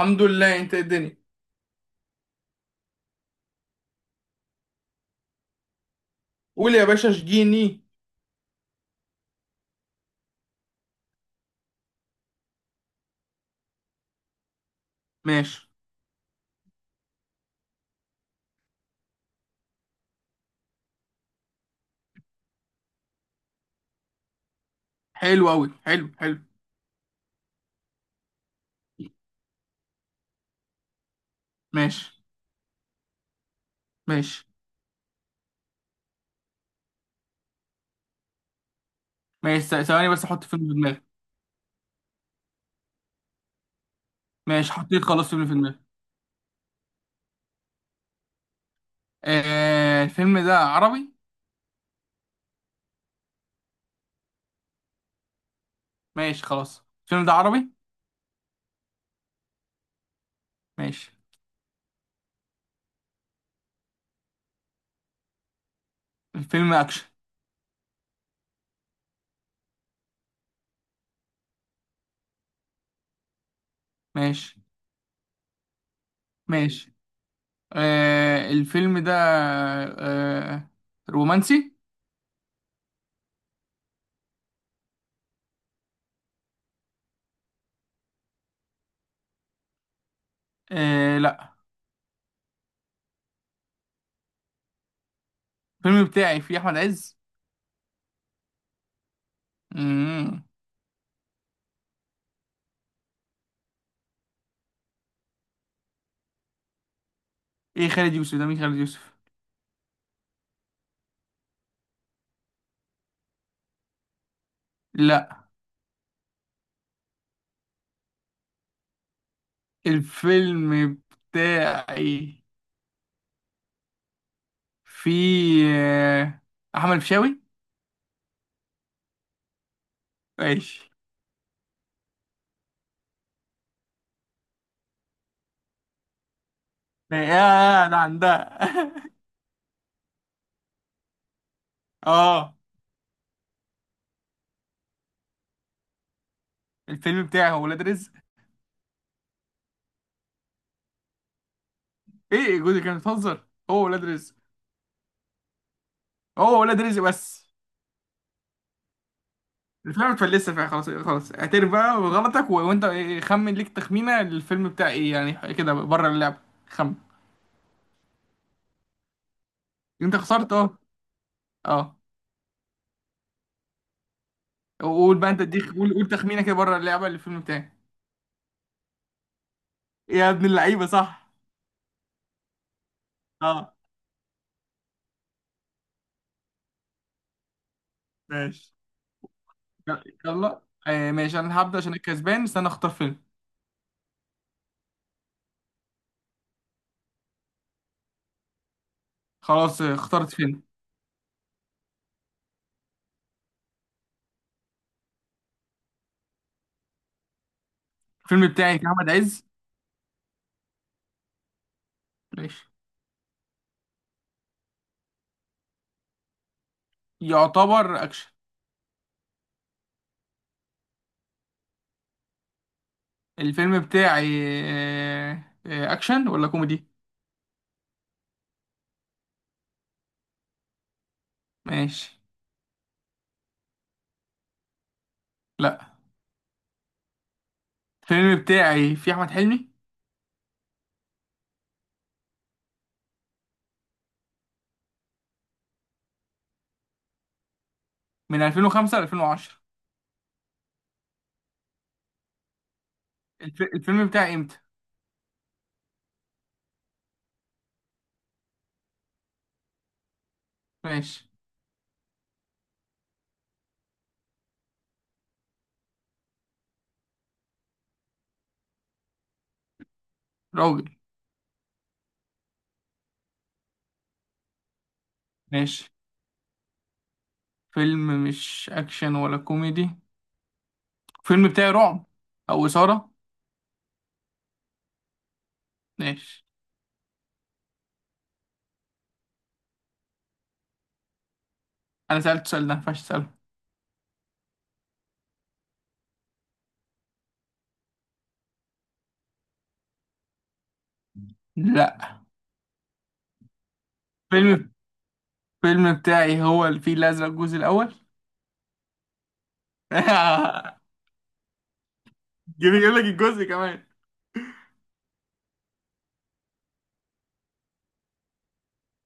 الحمد لله. انت ايه الدنيا؟ قول يا باشا، اشجيني. ماشي. حلو قوي، حلو، حلو. ماشي، ماشي، ماشي، ثواني بس احط فيلم في دماغي. ماشي، حطيت خلاص فيلم في دماغي. الفيلم ده عربي؟ ماشي، خلاص. الفيلم ده عربي. ماشي. الفيلم اكشن. ماشي، ماشي. الفيلم ده آه رومانسي؟ آه، لا. الفيلم بتاعي فيه احمد عز. مم. ايه خالد يوسف ده؟ مين خالد يوسف؟ لا. الفيلم بتاعي في آه، احمد الفيشاوي. ماشي. يا ده عندها. اه. الفيلم بتاعي هو ولاد رزق. ايه، جوزي كانت بتهزر، هو ولاد رزق. هو ولاد رزق بس. الفيلم متفلسه فيها. خلاص، خلاص، اعترف بقى بغلطك، و... وانت إيه، خمن ليك تخمينه الفيلم بتاع ايه يعني، كده بره اللعبه. خمن. انت خسرت. اه. اه. قول بقى، انت اديك، قول، قول تخمينه كده بره اللعبه الفيلم بتاعي. يا ابن اللعيبه، صح. اه. ماشي، يلا. ماشي، انا هبدأ عشان الكسبان. استنى، اختار فيلم. خلاص، اخترت فيلم. الفيلم بتاعي كان احمد عز. ماشي. يعتبر اكشن. الفيلم بتاعي آه اكشن ولا كوميدي؟ ماشي. لا. الفيلم بتاعي فيه احمد حلمي من 2005 ل 2010. الفيلم بتاعي امتى؟ ماشي. راجل. ماشي. فيلم مش اكشن ولا كوميدي. الفيلم بتاعي رعب. او اثارة. ماشي. انا سألت السؤال ده، ما ينفعش اسأله. لا. فيلم الفيلم بتاعي هو الفيل الأزرق الجزء الأول. يجيب لك الجزء كمان.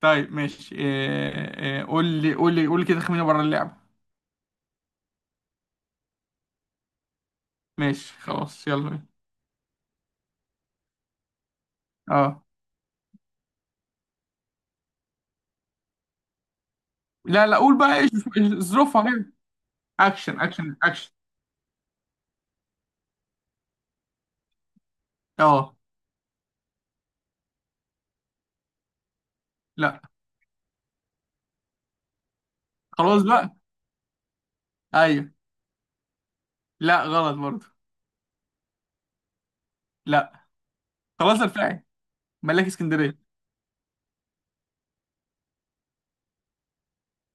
طيب، ماشي. قول لي، قول لي، قول لي كده خمينة بره اللعبة. ماشي، خلاص. يلا بينا. اه. لا، لا، قول بقى ظروفها كده. اكشن، اكشن، اكشن. اه. لا، خلاص بقى. ايوه. لا، غلط برضه. لا. خلاص. الفاعل. ملاك اسكندرية.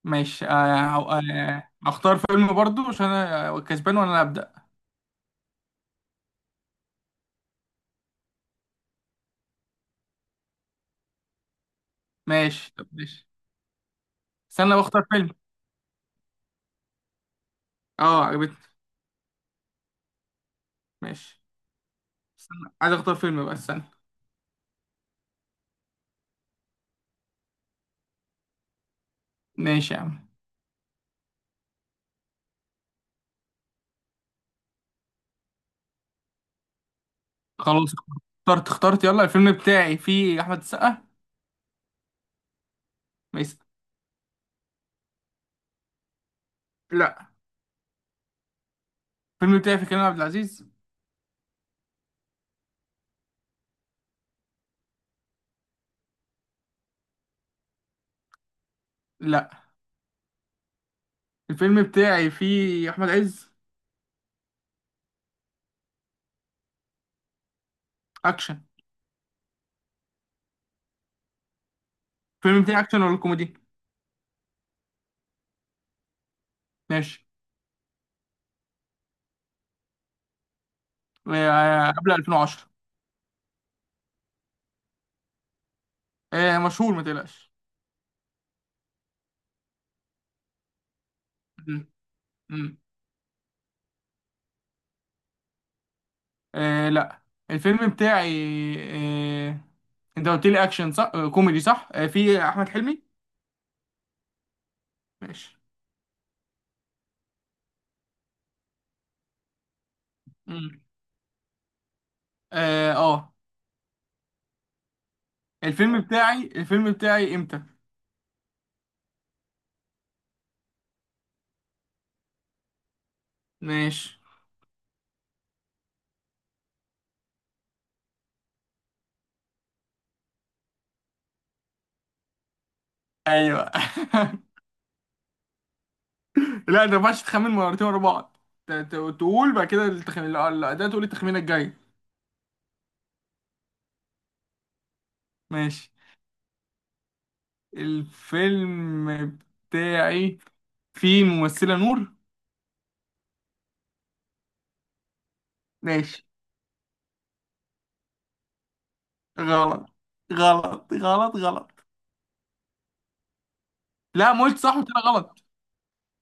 ماشي. هختار فيلم برضه عشان انا كسبان وانا اللي هبدأ. ماشي، طب، ماشي. استنى، بختار فيلم. اه، عجبتني. ماشي، استنى. عايز اختار فيلم بقى، استنى. ماشي يا عم. خلاص، اخترت، اخترت. يلا، الفيلم بتاعي فيه احمد السقا. ميس. لا. الفيلم بتاعي فيه كريم عبد العزيز. لا. الفيلم بتاعي فيه احمد عز. اكشن. الفيلم بتاعي اكشن ولا كوميدي؟ ماشي. قبل 2010. مشهور، ما تقلقش. مم، مم. آه، لا. الفيلم بتاعي، آه، انت قلت لي اكشن، صح؟ كوميدي، صح؟ فيه احمد حلمي. ماشي. مم. اه. آه. الفيلم بتاعي امتى؟ ماشي. ايوه. لا، انت ما ينفعش تخمن مرتين ورا بعض. تقول بعد كده، ده تقول التخمينه الجايه. ماشي. الفيلم بتاعي فيه ممثله نور. ماشي. غلط، غلط، غلط، غلط. لا، ما قلت صح، وقلت لها غلط.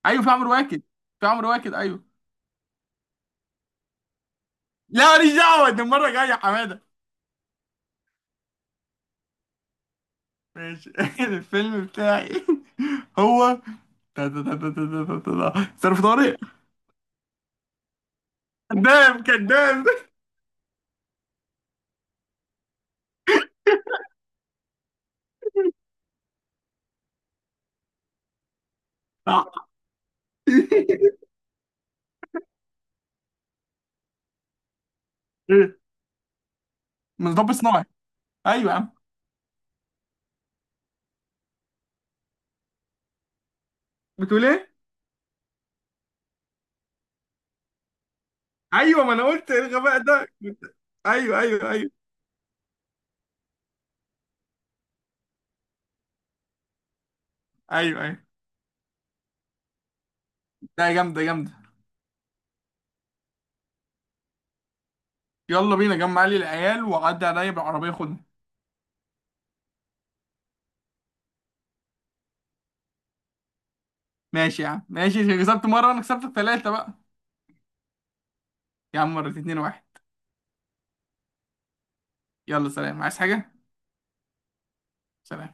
ايوه، في عمرو واكد. في عمرو واكد، ايوه. لا، ماليش دعوه، ده المره الجايه يا حماده. ماشي. الفيلم بتاعي. هو ظرف طارق. كذاب، كذاب. ايه؟ من رب صناعي. ايوه يا عم. بتقول ايه؟ ايوه، ما انا قلت إيه الغباء ده، ايوه، ايوه، ايوه. ايوه، ايوه. ده جامده، جامده. يلا بينا، جمع لي العيال وعدي عليا بالعربيه، خدني. ماشي يا عم، ماشي. كسبت مره وانا كسبت ثلاثه بقى. يا عم، مرة، اتنين، واحد. يلا، سلام. عايز حاجه؟ سلام.